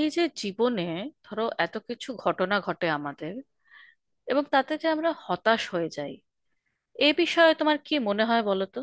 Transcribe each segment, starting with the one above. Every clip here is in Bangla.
এই যে জীবনে ধরো এত কিছু ঘটনা ঘটে আমাদের, এবং তাতে যে আমরা হতাশ হয়ে যাই, এ বিষয়ে তোমার কি মনে হয় বলো তো।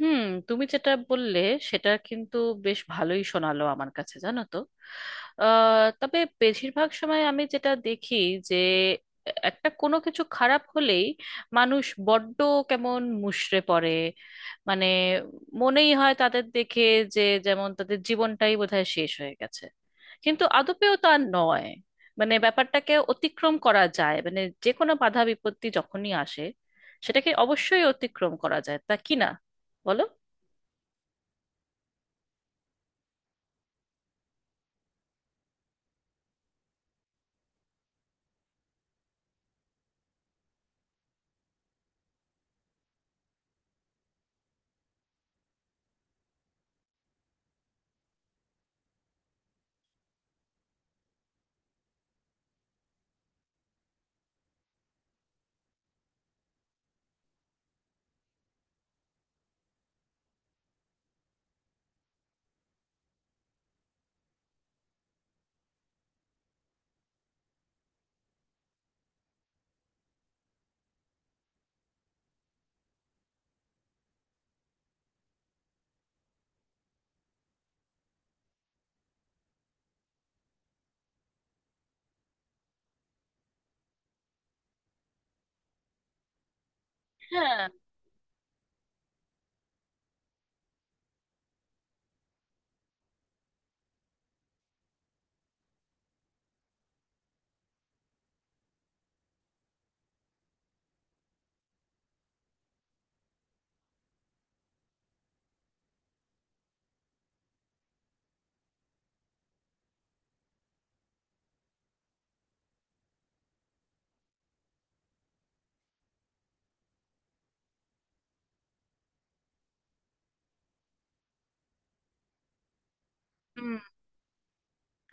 হুম, তুমি যেটা বললে সেটা কিন্তু বেশ ভালোই শোনালো আমার কাছে, জানো তো। তবে বেশিরভাগ সময় আমি যেটা দেখি, যে একটা কোনো কিছু খারাপ হলেই মানুষ বড্ড কেমন মুষড়ে পড়ে। মানে মনেই হয় তাদের দেখে, যে যেমন তাদের জীবনটাই বোধহয় শেষ হয়ে গেছে। কিন্তু আদপেও তা নয়। মানে ব্যাপারটাকে অতিক্রম করা যায়, মানে যে কোনো বাধা বিপত্তি যখনই আসে সেটাকে অবশ্যই অতিক্রম করা যায়, তা কি না, বলো। হ্যাঁ,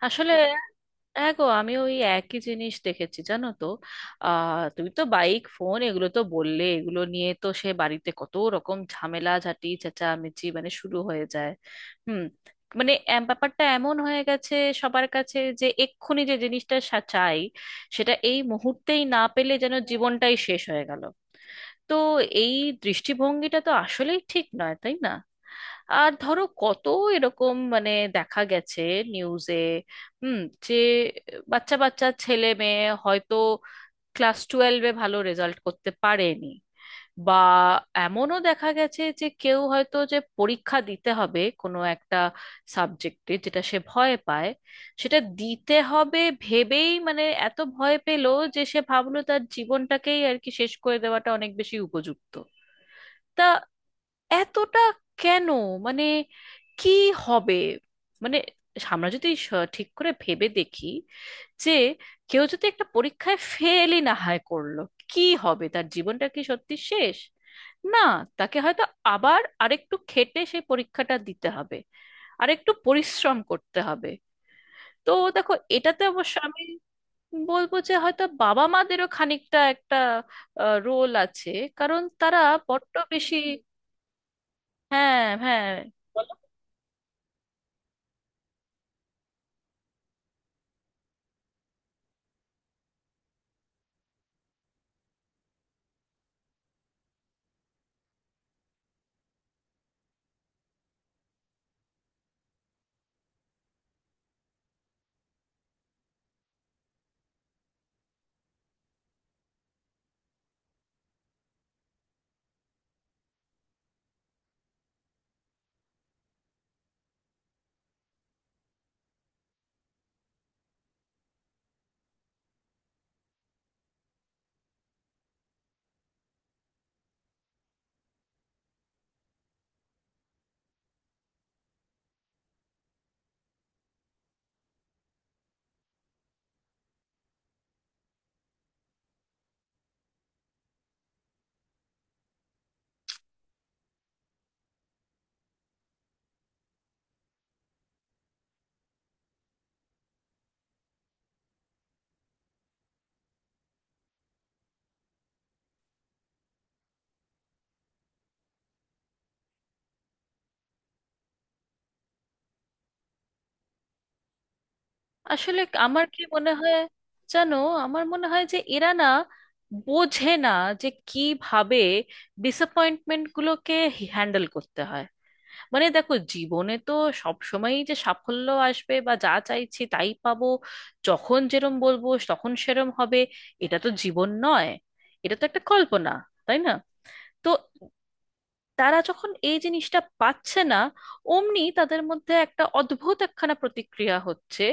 আসলে হ্যাঁ গো, আমি ওই একই জিনিস দেখেছি, জানো তো। তুমি তো বাইক, ফোন এগুলো তো বললে, এগুলো নিয়ে তো সে বাড়িতে কত রকম ঝামেলা ঝাঁটি চেঁচামেচি মানে শুরু হয়ে যায়। হুম, ব্যাপারটা এমন হয়ে গেছে সবার কাছে, যে এক্ষুনি যে জিনিসটা চাই সেটা এই মুহূর্তেই না পেলে যেন জীবনটাই শেষ হয়ে গেল। তো এই দৃষ্টিভঙ্গিটা তো আসলেই ঠিক নয়, তাই না? আর ধরো কত এরকম মানে দেখা গেছে নিউজে। হুম, যে বাচ্চা বাচ্চা ছেলে মেয়ে হয়তো ক্লাস 12-এ ভালো রেজাল্ট করতে পারেনি, বা এমনও দেখা গেছে যে কেউ হয়তো, যে পরীক্ষা দিতে হবে কোনো একটা সাবজেক্টে যেটা সে ভয় পায়, সেটা দিতে হবে ভেবেই মানে এত ভয় পেল যে সে ভাবলো তার জীবনটাকেই আর কি শেষ করে দেওয়াটা অনেক বেশি উপযুক্ত। তা এতটা কেন? মানে কি হবে? মানে আমরা যদি ঠিক করে ভেবে দেখি, যে কেউ যদি একটা পরীক্ষায় ফেলই না হয় করলো, কি হবে? তার জীবনটা কি সত্যি শেষ? না, তাকে হয়তো আবার আরেকটু খেটে সেই পরীক্ষাটা দিতে হবে, আরেকটু পরিশ্রম করতে হবে। তো দেখো এটাতে অবশ্য আমি বলবো যে হয়তো বাবা মাদেরও খানিকটা একটা রোল আছে। কারণ তারা বড্ড বেশি। হ্যাঁ হ্যাঁ, বলো। আসলে আমার কি মনে হয় জানো, আমার মনে হয় যে এরা না বোঝে না যে কিভাবে ডিসঅ্যাপয়েন্টমেন্ট গুলোকে হ্যান্ডেল করতে হয়। মানে দেখো, জীবনে তো সব সময়ই যে সাফল্য আসবে বা যা চাইছি তাই পাবো, যখন যেরম বলবো তখন সেরম হবে, এটা তো জীবন নয়, এটা তো একটা কল্পনা, তাই না? তো তারা যখন এই জিনিসটা পাচ্ছে না, অমনি তাদের মধ্যে একটা অদ্ভুত একখানা প্রতিক্রিয়া হচ্ছে,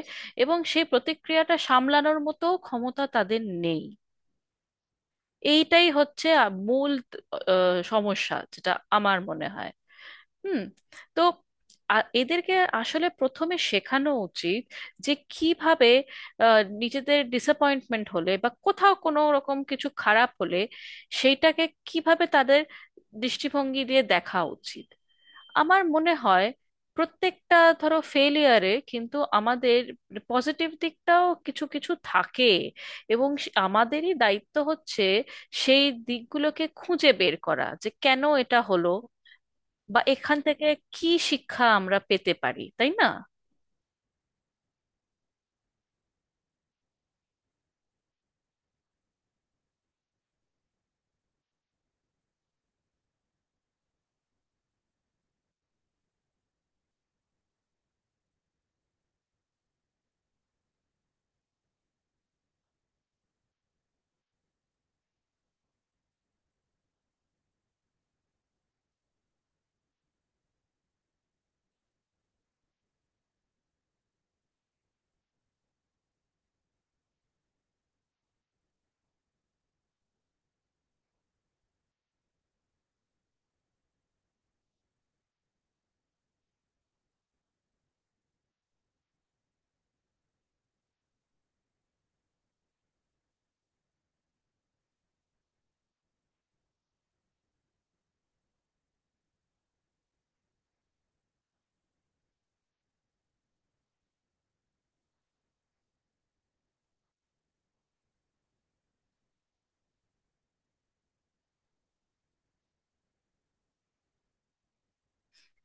এবং সেই প্রতিক্রিয়াটা সামলানোর মতো ক্ষমতা তাদের নেই। এইটাই হচ্ছে মূল সমস্যা, যেটা আমার মনে হয়। হুম, তো এদেরকে আসলে প্রথমে শেখানো উচিত যে কিভাবে নিজেদের ডিসঅ্যাপয়েন্টমেন্ট হলে বা কোথাও কোনো রকম কিছু খারাপ হলে সেইটাকে কিভাবে তাদের দৃষ্টিভঙ্গি দিয়ে দেখা উচিত। আমার মনে হয় প্রত্যেকটা, ধরো, ফেলিয়ারে কিন্তু আমাদের পজিটিভ দিকটাও কিছু কিছু থাকে। এবং আমাদেরই দায়িত্ব হচ্ছে সেই দিকগুলোকে খুঁজে বের করা, যে কেন এটা হলো বা এখান থেকে কি শিক্ষা আমরা পেতে পারি, তাই না?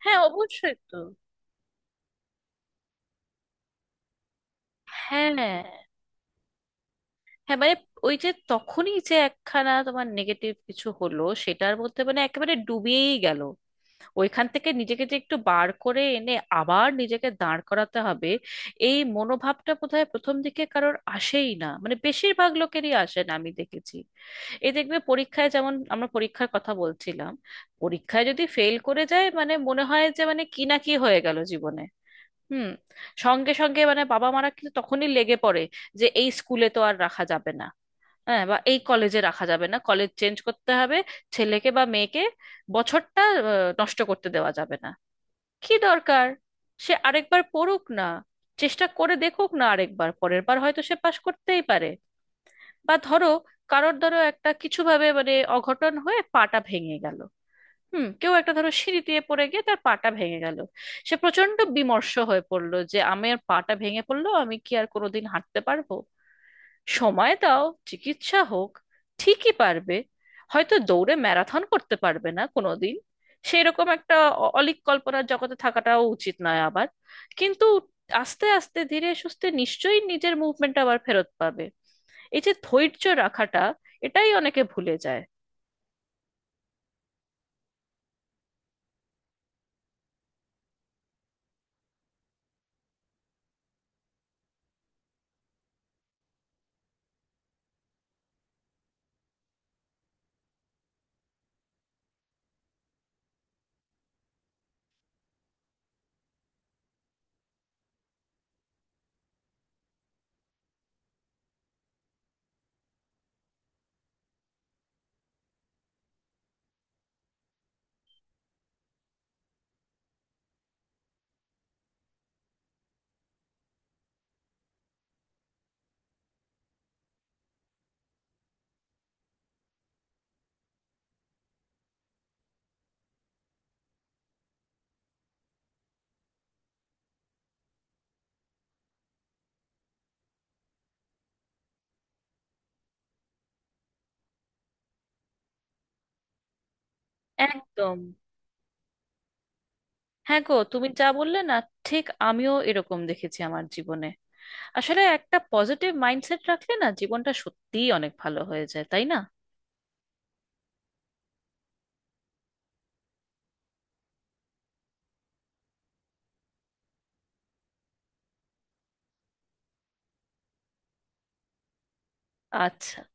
হ্যাঁ অবশ্যই তো। হ্যাঁ হ্যাঁ, মানে ওই যে তখনই যে একখানা তোমার নেগেটিভ কিছু হলো, সেটার মধ্যে মানে একেবারে ডুবেই গেল। ওইখান থেকে নিজেকে যে একটু বার করে এনে আবার নিজেকে দাঁড় করাতে হবে, এই মনোভাবটা বোধহয় প্রথম দিকে কারোর আসেই না, মানে বেশিরভাগ লোকেরই আসে না, আমি দেখেছি। এই দেখবে, পরীক্ষায়, যেমন আমরা পরীক্ষার কথা বলছিলাম, পরীক্ষায় যদি ফেল করে যায়, মানে মনে হয় যে মানে কি না কি হয়ে গেল জীবনে। হুম, সঙ্গে সঙ্গে মানে বাবা মারা কিন্তু তখনই লেগে পড়ে যে এই স্কুলে তো আর রাখা যাবে না। হ্যাঁ, বা এই কলেজে রাখা যাবে না, কলেজ চেঞ্জ করতে হবে ছেলেকে বা মেয়েকে। বছরটা নষ্ট করতে দেওয়া যাবে না। কি দরকার? সে আরেকবার পড়ুক না, চেষ্টা করে দেখুক না, আরেকবার পরের বার হয়তো সে পাশ করতেই পারে। বা ধরো কারোর, ধরো, একটা কিছু ভাবে মানে অঘটন হয়ে পাটা ভেঙে গেল। হুম, কেউ একটা ধরো সিঁড়ি দিয়ে পড়ে গিয়ে তার পাটা ভেঙে গেল। সে প্রচন্ড বিমর্ষ হয়ে পড়লো যে আমার পাটা ভেঙে পড়লো, আমি কি আর কোনোদিন হাঁটতে পারবো? সময় দাও, চিকিৎসা হোক, ঠিকই পারবে। হয়তো দৌড়ে ম্যারাথন করতে পারবে না কোনোদিন, সেরকম একটা অলীক কল্পনার জগতে থাকাটাও উচিত নয় আবার, কিন্তু আস্তে আস্তে ধীরে সুস্থে নিশ্চয়ই নিজের মুভমেন্ট আবার ফেরত পাবে। এই যে ধৈর্য রাখাটা, এটাই অনেকে ভুলে যায়। একদম। হ্যাঁ গো, তুমি যা বললে না, ঠিক আমিও এরকম দেখেছি আমার জীবনে। আসলে একটা পজিটিভ মাইন্ডসেট রাখলে না, জীবনটা সত্যিই অনেক ভালো হয়ে যায়, তাই না? আচ্ছা।